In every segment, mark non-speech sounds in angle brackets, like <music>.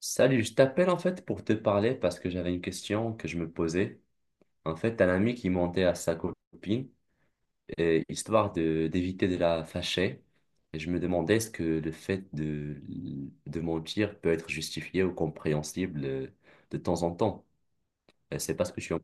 Salut, je t'appelle en fait pour te parler parce que j'avais une question que je me posais. En fait, un ami qui mentait à sa copine, et histoire de d'éviter de la fâcher. Et je me demandais est-ce que le fait de mentir peut être justifié ou compréhensible de temps en temps. C'est pas ce que je suis en...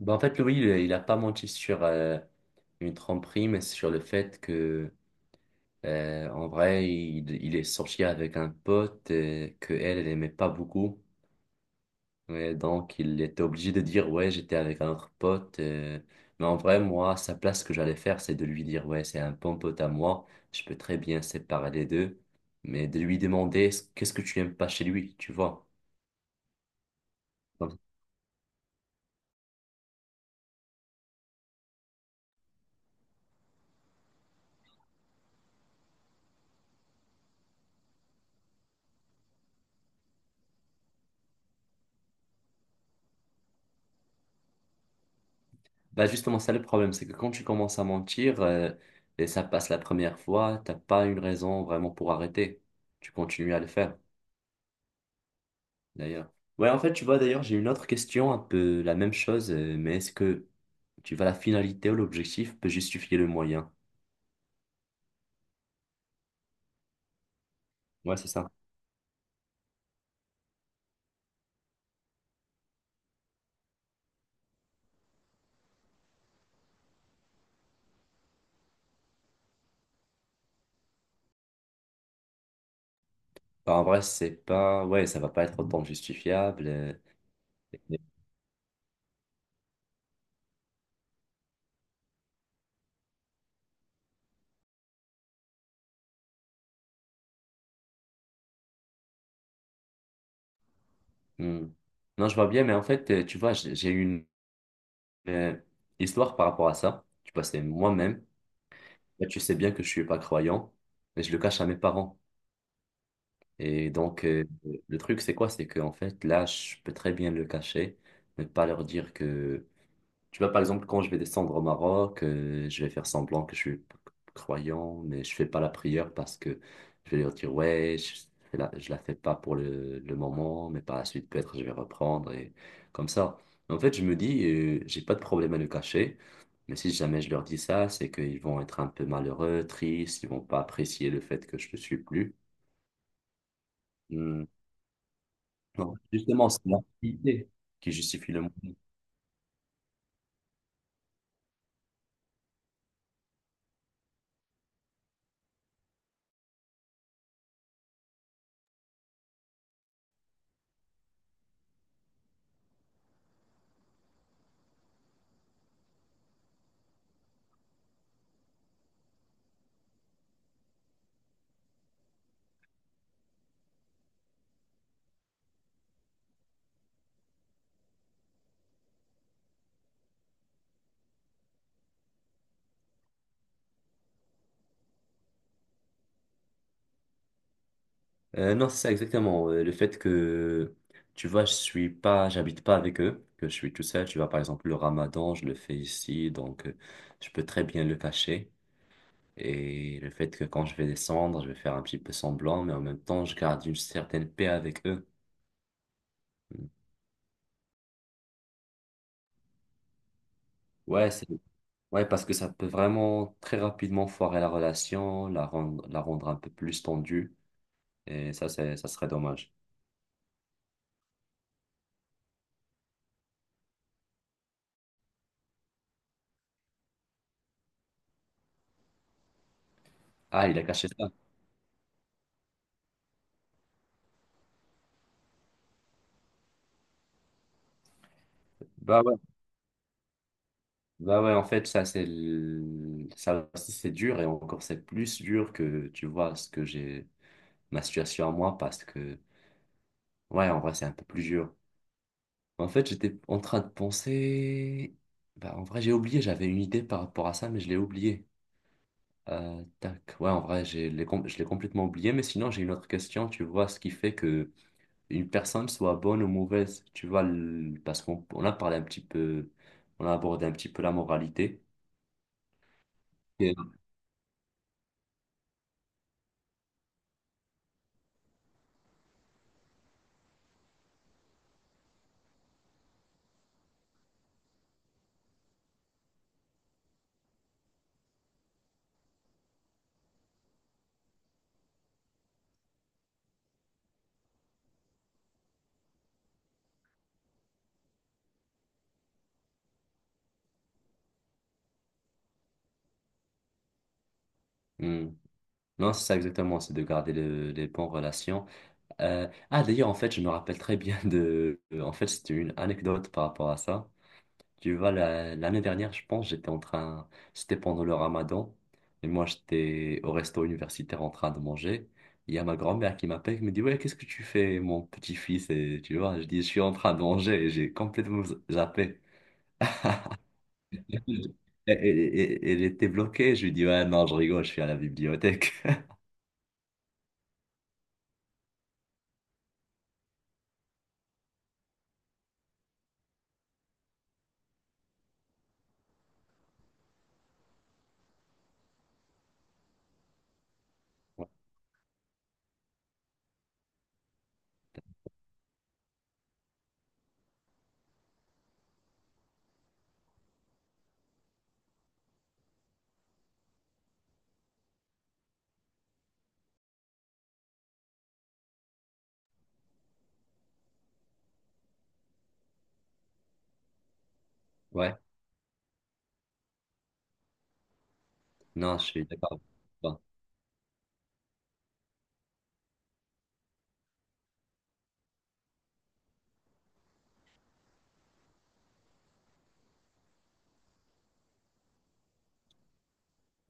Bah en fait, Louis, il a pas menti sur une tromperie, mais sur le fait que, en vrai, il est sorti avec un pote que elle, elle aimait pas beaucoup. Ouais, donc il était obligé de dire ouais, j'étais avec un autre pote. Mais en vrai, moi, sa place, ce que j'allais faire, c'est de lui dire ouais, c'est un bon pote à moi. Je peux très bien séparer les deux. Mais de lui demander qu'est-ce que tu n'aimes pas chez lui, tu vois. Donc, bah justement, ça le problème, c'est que quand tu commences à mentir et ça passe la première fois, t'as pas une raison vraiment pour arrêter. Tu continues à le faire. D'ailleurs. Ouais, en fait, tu vois, d'ailleurs, j'ai une autre question, un peu la même chose, mais est-ce que tu vois la finalité ou l'objectif peut justifier le moyen? Ouais, c'est ça. Bah, en vrai, c'est pas. Ouais, ça va pas être autant justifiable. Mais- Hmm. Non, je vois bien, mais en fait, tu vois, j'ai eu une euh, histoire par rapport à ça. Tu vois, c'est moi-même. Là, tu sais bien que je suis pas croyant, mais je le cache à mes parents. Et donc, le truc, c'est quoi? C'est que en fait, là, je peux très bien le cacher, mais pas leur dire que. Tu vois, par exemple, quand je vais descendre au Maroc, je vais faire semblant que je suis croyant, mais je fais pas la prière parce que je vais leur dire, ouais, je, fais la, je la fais pas pour le moment, mais par la suite, peut-être, je vais reprendre et comme ça. Mais en fait, je me dis, j'ai pas de problème à le cacher, mais si jamais je leur dis ça, c'est qu'ils vont être un peu malheureux, tristes, ils vont pas apprécier le fait que je ne suis plus. Hmm. Non, justement, c'est l'activité qui justifie le monde. Non, c'est ça exactement. Le fait que, tu vois, je suis pas, j'habite pas avec eux, que je suis tout seul. Tu vois, par exemple, le ramadan, je le fais ici, donc je peux très bien le cacher. Et le fait que quand je vais descendre, je vais faire un petit peu semblant, mais en même temps, je garde une certaine paix avec eux. Mm. Ouais, c'est, ouais, parce que ça peut vraiment très rapidement foirer la relation, la rendre un peu plus tendue. Et ça, c'est, ça serait dommage. Ah, il a caché ça. Bah ouais. Bah ouais, en fait, ça, c'est le- ça aussi, c'est dur et encore, c'est plus dur que, tu vois, ce que j'ai, ma situation à moi parce que, ouais, en vrai, c'est un peu plus dur. En fait, j'étais en train de penser, bah, en vrai, j'ai oublié, j'avais une idée par rapport à ça, mais je l'ai oublié. Tac, ouais, en vrai, je l'ai complètement oublié, mais sinon, j'ai une autre question, tu vois, ce qui fait que une personne soit bonne ou mauvaise, tu vois, le- parce qu'on a parlé un petit peu, on a abordé un petit peu la moralité. Ok. Hmm. Non, c'est ça exactement, c'est de garder le- les bonnes relations. Ah, d'ailleurs, en fait, je me rappelle très bien de... En fait, c'était une anecdote par rapport à ça. Tu vois, la- l'année dernière, je pense, j'étais en train... C'était pendant le ramadan. Et moi, j'étais au resto universitaire en train de manger. Il y a ma grand-mère qui m'appelle, qui me dit, «Ouais, qu'est-ce que tu fais, mon petit-fils?» Et tu vois, je dis, «Je suis en train de manger» et j'ai complètement zappé. <laughs> Elle était bloquée. Je lui dis, «Ouais, non, je rigole, je suis à la bibliothèque.» <laughs> Ouais, non, je suis d'accord.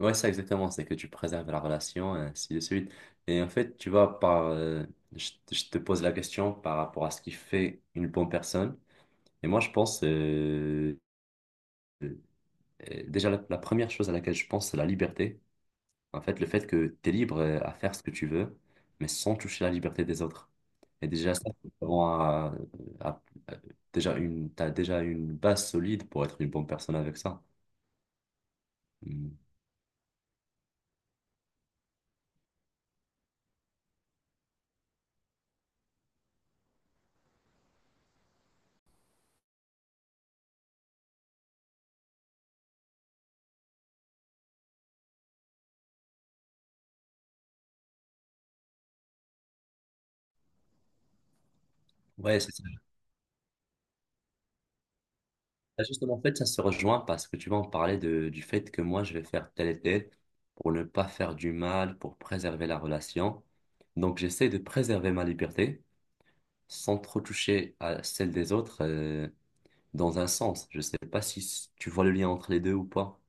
Ouais, ça exactement, c'est que tu préserves la relation, et ainsi de suite. Et en fait, tu vois, par, je te pose la question par rapport à ce qui fait une bonne personne. Et moi, je pense, euh, déjà, la première chose à laquelle je pense, c'est la liberté. En fait, le fait que tu es libre à faire ce que tu veux, mais sans toucher la liberté des autres. Et déjà, ça, c'est vraiment à- à- euh, déjà une, t'as déjà une base solide pour être une bonne personne avec ça. Mm. Ouais, c'est bah, justement, en fait, ça se rejoint parce que tu vas en parler de, du fait que moi, je vais faire tel et tel pour ne pas faire du mal, pour préserver la relation. Donc, j'essaie de préserver ma liberté sans trop toucher à celle des autres dans un sens. Je sais pas si s- tu vois le lien entre les deux ou pas.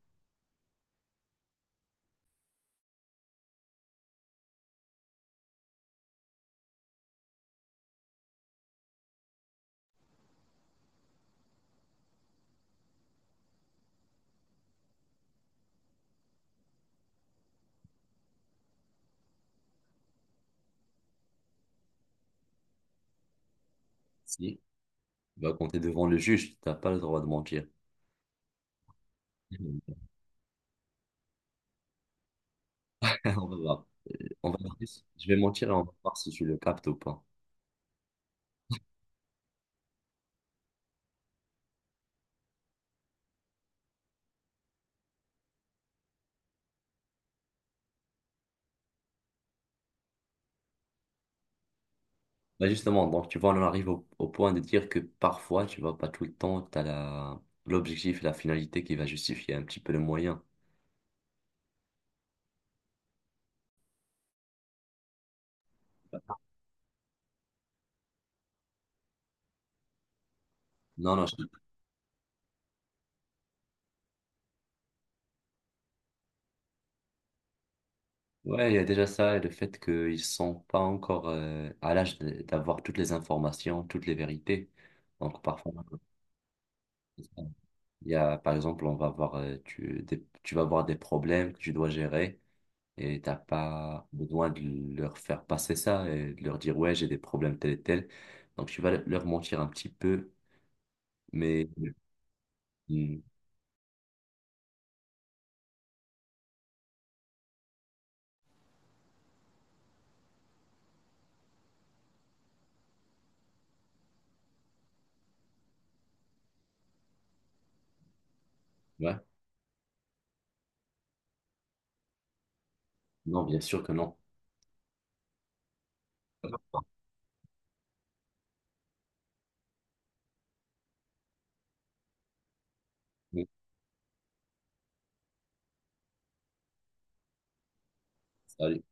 Si, bah, quand tu es devant le juge, tu n'as pas le droit de mentir. <laughs> On va voir. On va voir. Je vais mentir et on va voir si tu le captes ou pas. Bah, justement, donc tu vois, on en arrive au, au point de dire que parfois, tu vois, pas tout le temps, tu as la, l'objectif et la finalité qui va justifier un petit peu le moyen. Non, non, je- ouais, il y a déjà ça et le fait qu'ils sont pas encore à l'âge de- d'avoir toutes les informations, toutes les vérités. Donc parfois, il y a, par exemple, on va avoir, tu, des- tu vas avoir des problèmes que tu dois gérer et t'as pas besoin de leur faire passer ça et de leur dire, ouais, j'ai des problèmes tels et tels. Donc tu vas leur mentir un petit peu mais, mm, ouais, non, bien sûr que non. Salut.